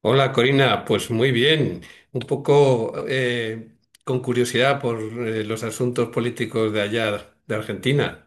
Hola Corina, pues muy bien, un poco con curiosidad por los asuntos políticos de allá, de Argentina.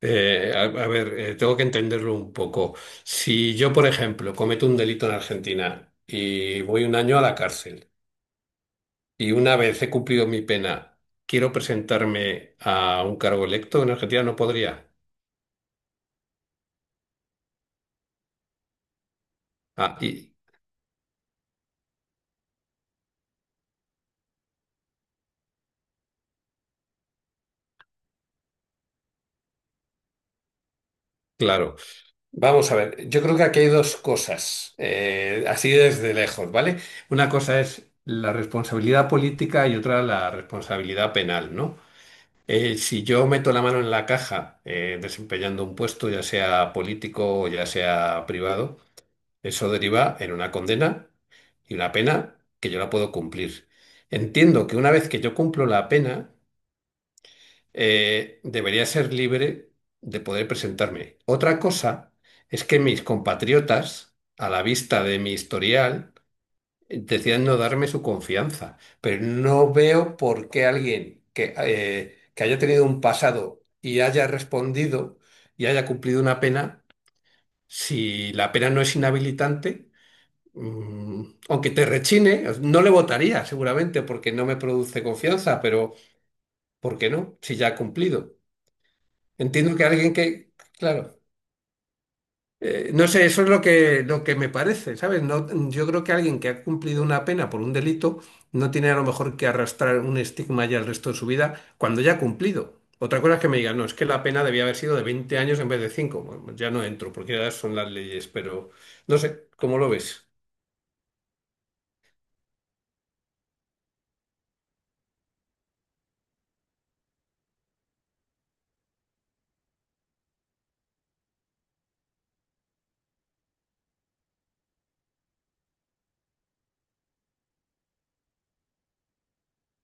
A ver, tengo que entenderlo un poco. Si yo, por ejemplo, cometo un delito en Argentina y voy un año a la cárcel y una vez he cumplido mi pena, quiero presentarme a un cargo electo en Argentina, no podría. Ah, y claro. Vamos a ver, yo creo que aquí hay dos cosas, así desde lejos, ¿vale? Una cosa es la responsabilidad política y otra la responsabilidad penal, ¿no? Si yo meto la mano en la caja desempeñando un puesto, ya sea político o ya sea privado, eso deriva en una condena y una pena que yo la puedo cumplir. Entiendo que una vez que yo cumplo la pena, debería ser libre de poder presentarme. Otra cosa es que mis compatriotas, a la vista de mi historial, decían no darme su confianza. Pero no veo por qué alguien que, que haya tenido un pasado y haya respondido y haya cumplido una pena, si la pena no es inhabilitante, mm, aunque te rechine, no le votaría seguramente porque no me produce confianza, pero ¿por qué no? Si ya ha cumplido. Entiendo que alguien que, claro, no sé, eso es lo que me parece, ¿sabes? No, yo creo que alguien que ha cumplido una pena por un delito no tiene a lo mejor que arrastrar un estigma ya el resto de su vida cuando ya ha cumplido. Otra cosa es que me digan, no, es que la pena debía haber sido de 20 años en vez de cinco. Bueno, ya no entro, porque ya son las leyes, pero no sé, ¿cómo lo ves?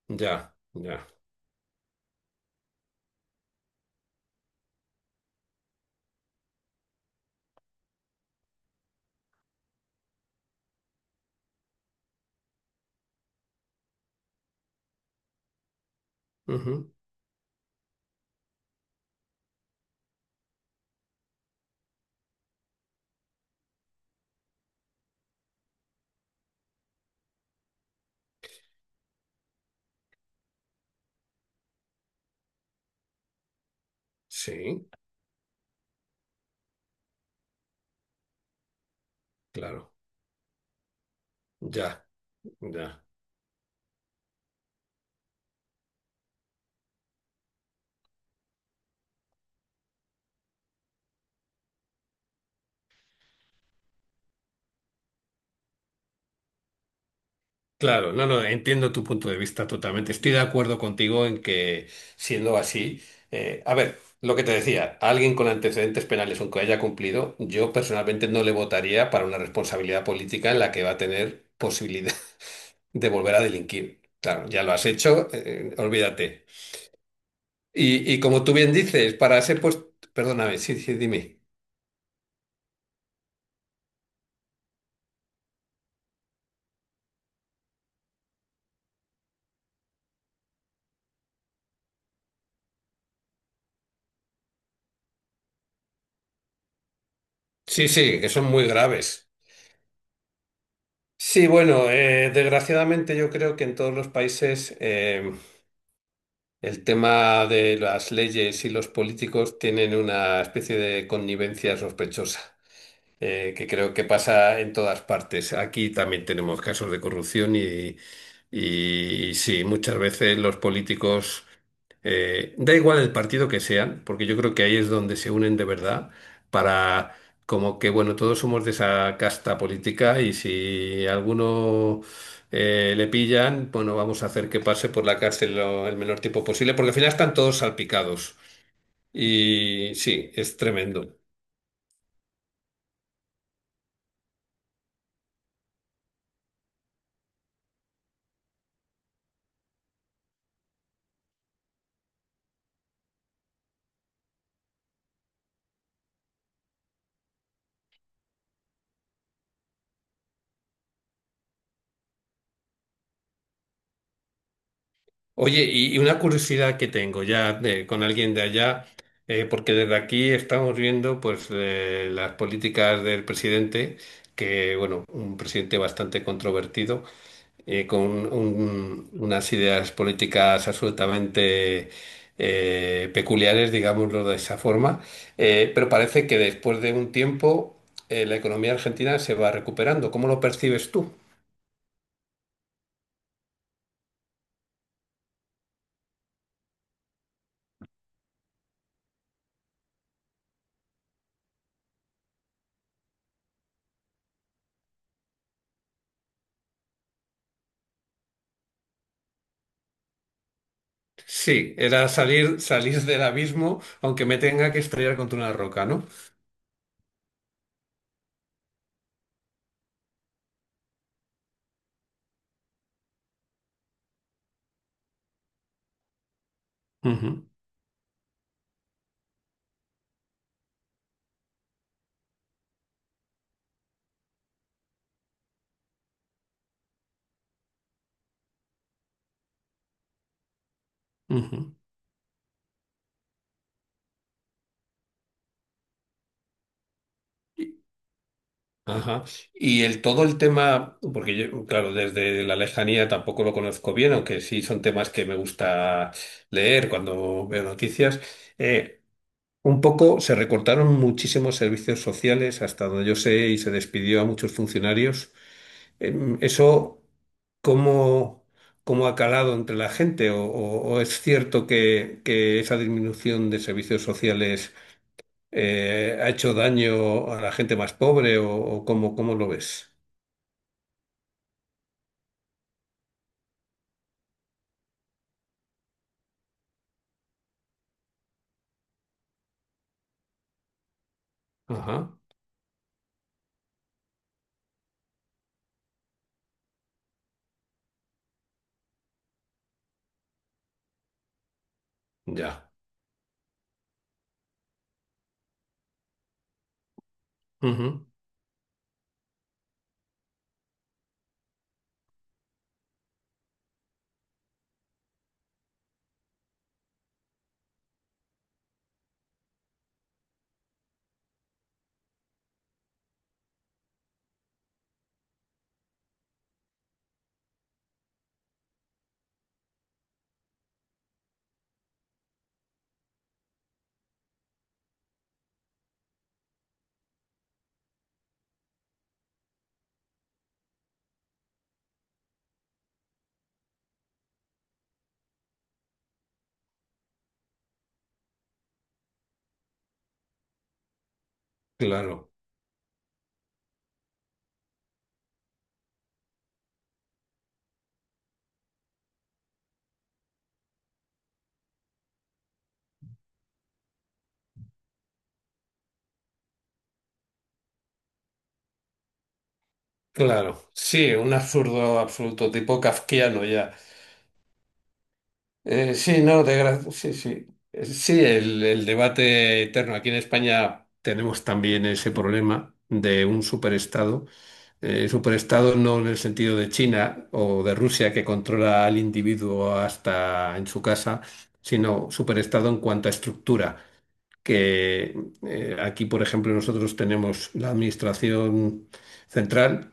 Ya, ya. Ujú. Sí, claro, ya, ya. Claro, no, no, entiendo tu punto de vista totalmente. Estoy de acuerdo contigo en que, siendo así, a ver, lo que te decía, alguien con antecedentes penales, aunque haya cumplido, yo personalmente no le votaría para una responsabilidad política en la que va a tener posibilidad de volver a delinquir. Claro, ya lo has hecho, olvídate. Y como tú bien dices, para ser pues, perdóname, sí, sí, dime. Sí, sí, que son muy graves. Sí, bueno, desgraciadamente yo creo que en todos los países el tema de las leyes y los políticos tienen una especie de connivencia sospechosa que creo que pasa en todas partes. Aquí también tenemos casos de corrupción y sí, muchas veces los políticos, da igual el partido que sean, porque yo creo que ahí es donde se unen de verdad para. Como que, bueno, todos somos de esa casta política y si alguno le pillan, bueno, vamos a hacer que pase por la cárcel el menor tiempo posible, porque al final están todos salpicados. Y sí, es tremendo. Oye, y una curiosidad que tengo ya con alguien de allá, porque desde aquí estamos viendo pues las políticas del presidente, que bueno, un presidente bastante controvertido, con unas ideas políticas absolutamente peculiares, digámoslo de esa forma. Pero parece que después de un tiempo la economía argentina se va recuperando. ¿Cómo lo percibes tú? Sí, era salir, salir del abismo, aunque me tenga que estrellar contra una roca, ¿no? Ujú, ujú. Y- Ajá. Y el todo el tema, porque yo, claro, desde la lejanía tampoco lo conozco bien, aunque sí son temas que me gusta leer cuando veo noticias. eh, un poco se recortaron muchísimos servicios sociales, hasta donde yo sé, y se despidió a muchos funcionarios. Eso. ¿Cómo, cómo ha calado entre la gente? ¿O es cierto que esa disminución de servicios sociales ha hecho daño a la gente más pobre? ¿O cómo lo ves? Ajá. Ya. Ujú. Claro, claro. Sí, un absurdo absoluto, tipo kafkiano ya. Sí, no, sí, sí. Sí, el debate eterno. Aquí en España tenemos también ese problema de un superestado no en el sentido de China o de Rusia que controla al individuo hasta en su casa, sino superestado en cuanto a estructura, que aquí, por ejemplo, nosotros tenemos la administración central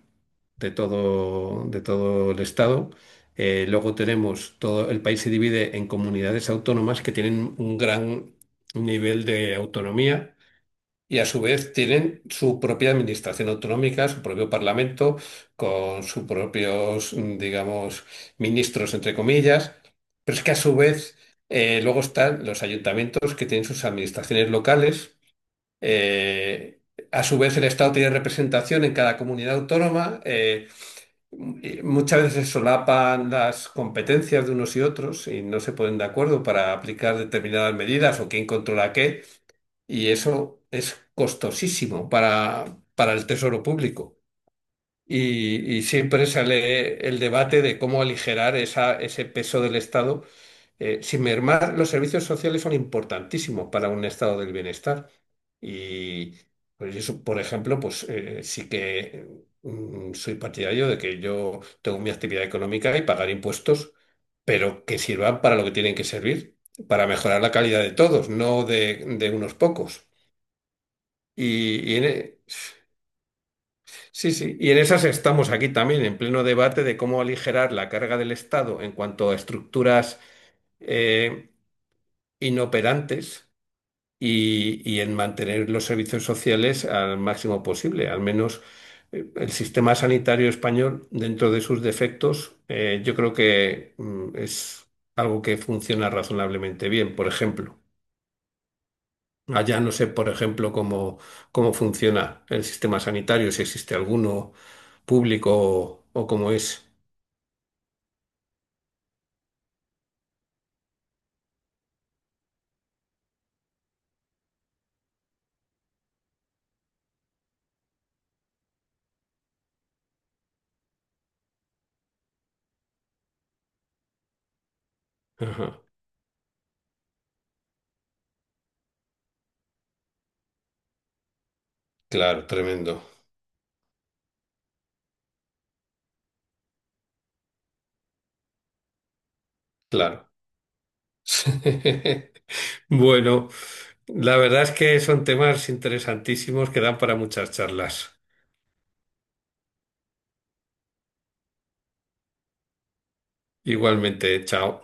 de todo el estado. Luego tenemos todo el país se divide en comunidades autónomas que tienen un gran nivel de autonomía y a su vez tienen su propia administración autonómica, su propio parlamento, con sus propios, digamos, ministros, entre comillas. Pero es que a su vez luego están los ayuntamientos que tienen sus administraciones locales. Eh, a su vez el Estado tiene representación en cada comunidad autónoma. Y muchas veces se solapan las competencias de unos y otros y no se ponen de acuerdo para aplicar determinadas medidas o quién controla qué. Y eso es costosísimo para el tesoro público. Y siempre sale el debate de cómo aligerar esa, ese peso del Estado. Sin mermar, los servicios sociales son importantísimos para un estado del bienestar. Y pues eso, por ejemplo, pues sí que soy partidario de que yo tengo mi actividad económica y pagar impuestos, pero que sirvan para lo que tienen que servir, para mejorar la calidad de todos, no de unos pocos. Y, y en, e- sí, sí, y en esas estamos aquí también, en pleno debate de cómo aligerar la carga del Estado en cuanto a estructuras eh, inoperantes y en mantener los servicios sociales al máximo posible. Al menos el sistema sanitario español, dentro de sus defectos, yo creo que es algo que funciona razonablemente bien, por ejemplo. Allá no sé, por ejemplo, cómo funciona el sistema sanitario, si existe alguno público o cómo es. Ajá. Claro, tremendo, claro. Bueno, la verdad es que son temas interesantísimos que dan para muchas charlas. Igualmente, chao.